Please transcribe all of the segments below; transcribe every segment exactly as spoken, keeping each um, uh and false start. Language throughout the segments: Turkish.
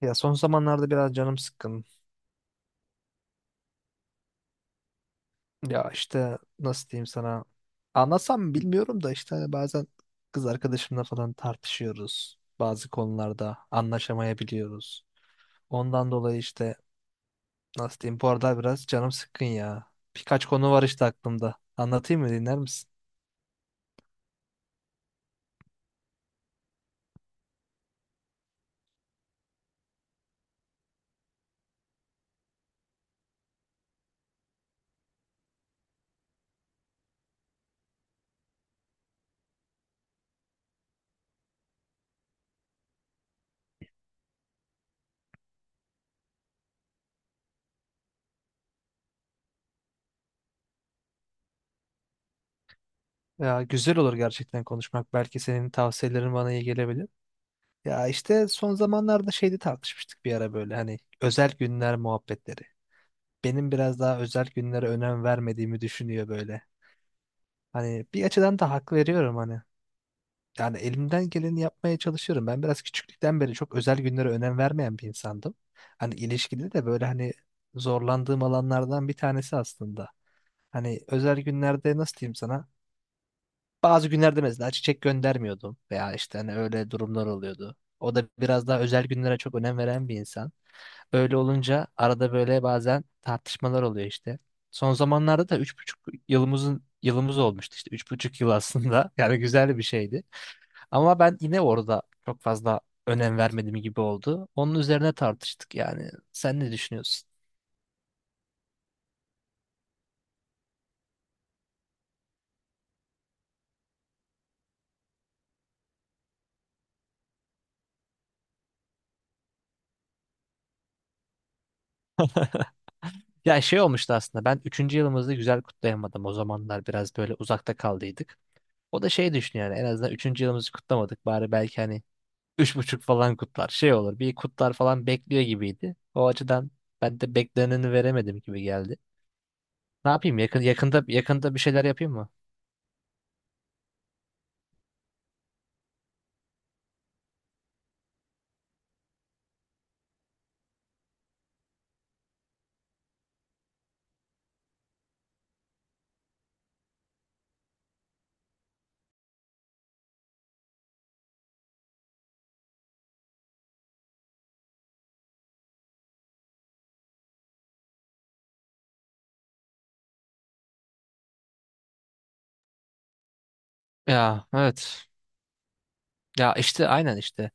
Ya son zamanlarda biraz canım sıkkın. Ya işte nasıl diyeyim sana? Anlasam mı bilmiyorum da işte hani bazen kız arkadaşımla falan tartışıyoruz. Bazı konularda anlaşamayabiliyoruz. Ondan dolayı işte. Nasıl diyeyim? Bu arada biraz canım sıkkın ya. Birkaç konu var işte aklımda. Anlatayım mı? Dinler misin? Ya güzel olur gerçekten konuşmak. Belki senin tavsiyelerin bana iyi gelebilir. Ya işte son zamanlarda şeyde tartışmıştık bir ara böyle hani özel günler muhabbetleri. Benim biraz daha özel günlere önem vermediğimi düşünüyor böyle. Hani bir açıdan da hak veriyorum hani. Yani elimden geleni yapmaya çalışıyorum. Ben biraz küçüklükten beri çok özel günlere önem vermeyen bir insandım. Hani ilişkide de böyle hani zorlandığım alanlardan bir tanesi aslında. Hani özel günlerde nasıl diyeyim sana? Bazı günlerde mesela çiçek göndermiyordum veya işte hani öyle durumlar oluyordu. O da biraz daha özel günlere çok önem veren bir insan. Öyle olunca arada böyle bazen tartışmalar oluyor işte. Son zamanlarda da üç buçuk yılımızın yılımız olmuştu işte üç buçuk yıl aslında. Yani güzel bir şeydi. Ama ben yine orada çok fazla önem vermedim gibi oldu. Onun üzerine tartıştık yani. Sen ne düşünüyorsun? Ya şey olmuştu aslında ben üçüncü yılımızı güzel kutlayamadım. O zamanlar biraz böyle uzakta kaldıydık. O da şey düşünüyor yani en azından üçüncü yılımızı kutlamadık. Bari belki hani üç buçuk falan kutlar. Şey olur. Bir kutlar falan bekliyor gibiydi. O açıdan ben de bekleneni veremedim gibi geldi. Ne yapayım? Yakın, yakında yakında bir şeyler yapayım mı? Ya evet. Ya işte aynen işte.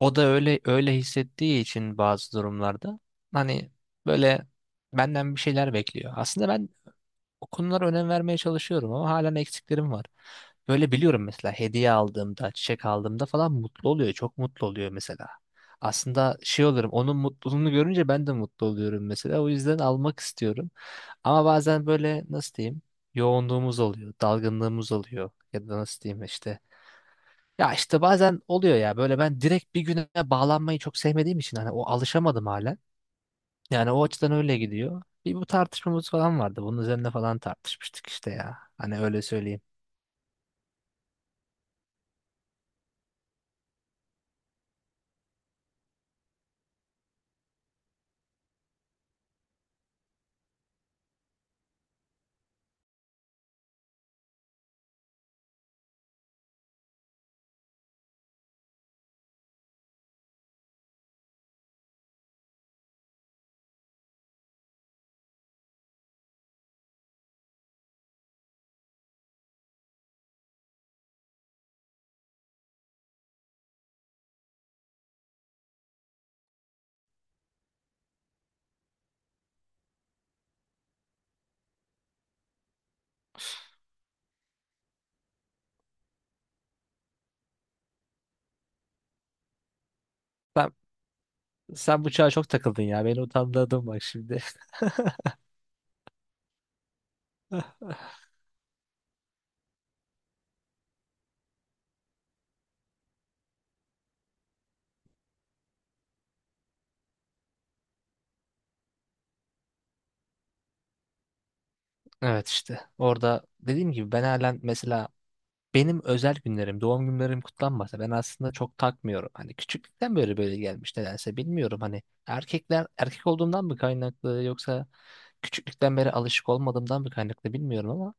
O da öyle öyle hissettiği için bazı durumlarda hani böyle benden bir şeyler bekliyor. Aslında ben o konulara önem vermeye çalışıyorum ama halen eksiklerim var. Böyle biliyorum mesela hediye aldığımda, çiçek aldığımda falan mutlu oluyor. Çok mutlu oluyor mesela. Aslında şey olurum, onun mutluluğunu görünce ben de mutlu oluyorum mesela. O yüzden almak istiyorum. Ama bazen böyle nasıl diyeyim, yoğunluğumuz oluyor, dalgınlığımız oluyor. Ya da nasıl diyeyim işte. Ya işte bazen oluyor ya böyle ben direkt bir güne bağlanmayı çok sevmediğim için hani o alışamadım hala. Yani o açıdan öyle gidiyor. Bir bu tartışmamız falan vardı. Bunun üzerine falan tartışmıştık işte ya. Hani öyle söyleyeyim. Ben, sen bu çağa çok takıldın ya. Beni utandırdın bak şimdi. Evet işte orada dediğim gibi ben halen mesela benim özel günlerim, doğum günlerim kutlanmasa ben aslında çok takmıyorum. Hani küçüklükten böyle böyle gelmiş nedense bilmiyorum hani erkekler erkek olduğumdan mı kaynaklı yoksa küçüklükten beri alışık olmadığımdan mı kaynaklı bilmiyorum ama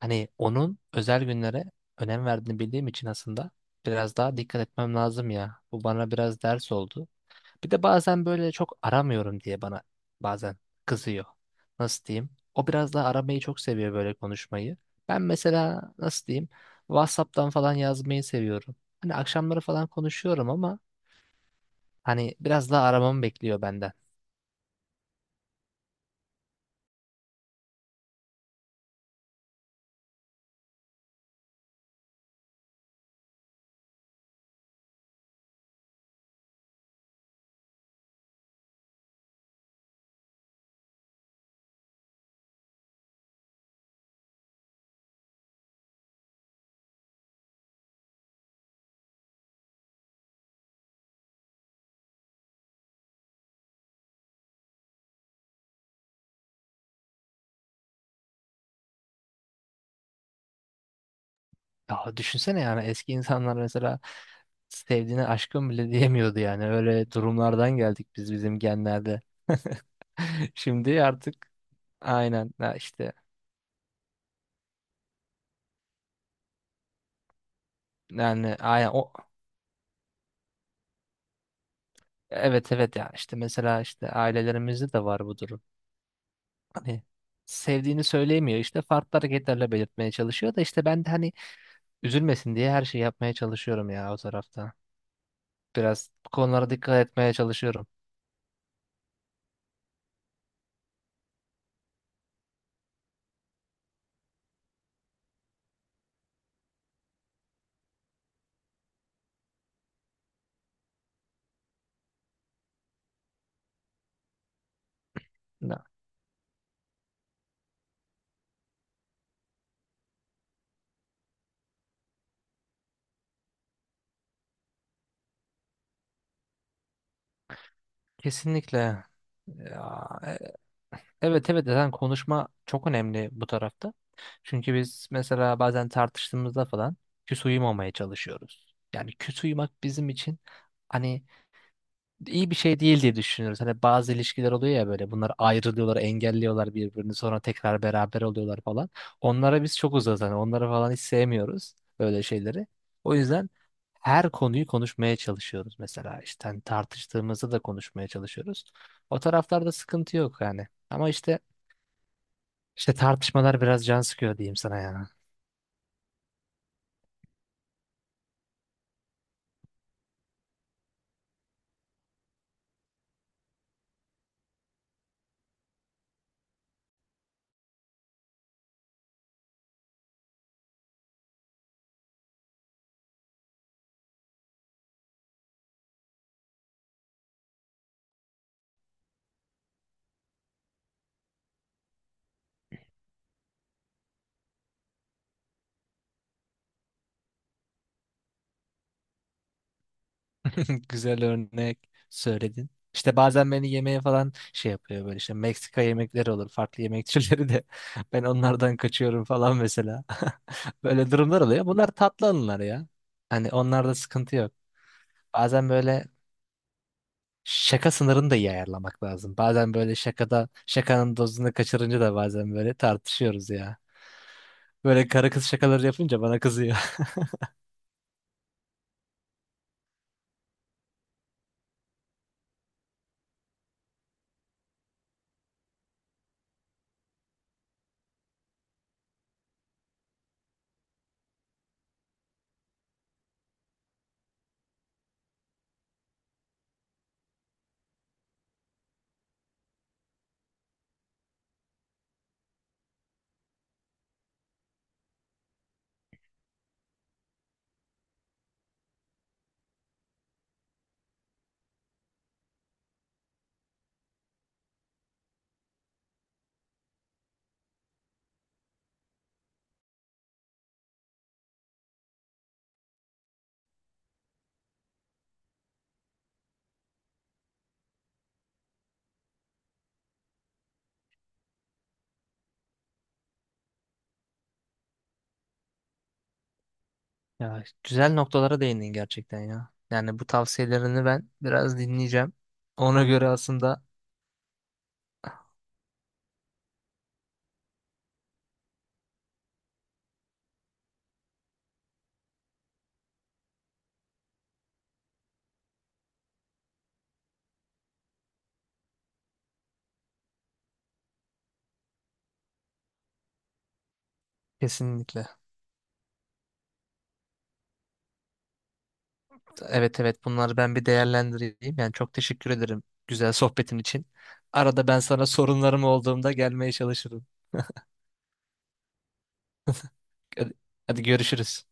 hani onun özel günlere önem verdiğini bildiğim için aslında biraz daha dikkat etmem lazım ya. Bu bana biraz ders oldu. Bir de bazen böyle çok aramıyorum diye bana bazen kızıyor. Nasıl diyeyim? O biraz daha aramayı çok seviyor böyle konuşmayı. Ben mesela nasıl diyeyim? WhatsApp'tan falan yazmayı seviyorum. Hani akşamları falan konuşuyorum ama hani biraz daha aramamı bekliyor benden. Ya düşünsene yani eski insanlar mesela sevdiğine aşkım bile diyemiyordu yani. Öyle durumlardan geldik biz bizim genlerde. Şimdi artık aynen ya işte yani aynen o evet evet yani işte mesela işte ailelerimizde de var bu durum. Hani sevdiğini söyleyemiyor işte farklı hareketlerle belirtmeye çalışıyor da işte ben de hani üzülmesin diye her şeyi yapmaya çalışıyorum ya o tarafta. Biraz bu konulara dikkat etmeye çalışıyorum. Ya, kesinlikle. Ya, e, evet evet zaten konuşma çok önemli bu tarafta. Çünkü biz mesela bazen tartıştığımızda falan küs uyumamaya çalışıyoruz. Yani küs uyumak bizim için hani iyi bir şey değil diye düşünüyoruz. Hani bazı ilişkiler oluyor ya böyle bunlar ayrılıyorlar, engelliyorlar birbirini sonra tekrar beraber oluyorlar falan. Onlara biz çok uzağız hani onları falan hiç sevmiyoruz böyle şeyleri. O yüzden her konuyu konuşmaya çalışıyoruz mesela işte hani tartıştığımızda da konuşmaya çalışıyoruz. O taraflarda sıkıntı yok yani. Ama işte işte tartışmalar biraz can sıkıyor diyeyim sana ya. Güzel örnek söyledin. İşte bazen beni yemeğe falan şey yapıyor böyle işte Meksika yemekleri olur farklı yemek türleri de ben onlardan kaçıyorum falan mesela. Böyle durumlar oluyor. Bunlar tatlı anılar ya. Hani onlarda sıkıntı yok. Bazen böyle şaka sınırını da iyi ayarlamak lazım. Bazen böyle şakada şakanın dozunu kaçırınca da bazen böyle tartışıyoruz ya. Böyle karı kız şakaları yapınca bana kızıyor. Ya güzel noktalara değindin gerçekten ya. Yani bu tavsiyelerini ben biraz dinleyeceğim. Ona göre aslında kesinlikle. Evet evet bunları ben bir değerlendireyim. Yani çok teşekkür ederim güzel sohbetin için. Arada ben sana sorunlarım olduğumda gelmeye çalışırım. Hadi hadi görüşürüz.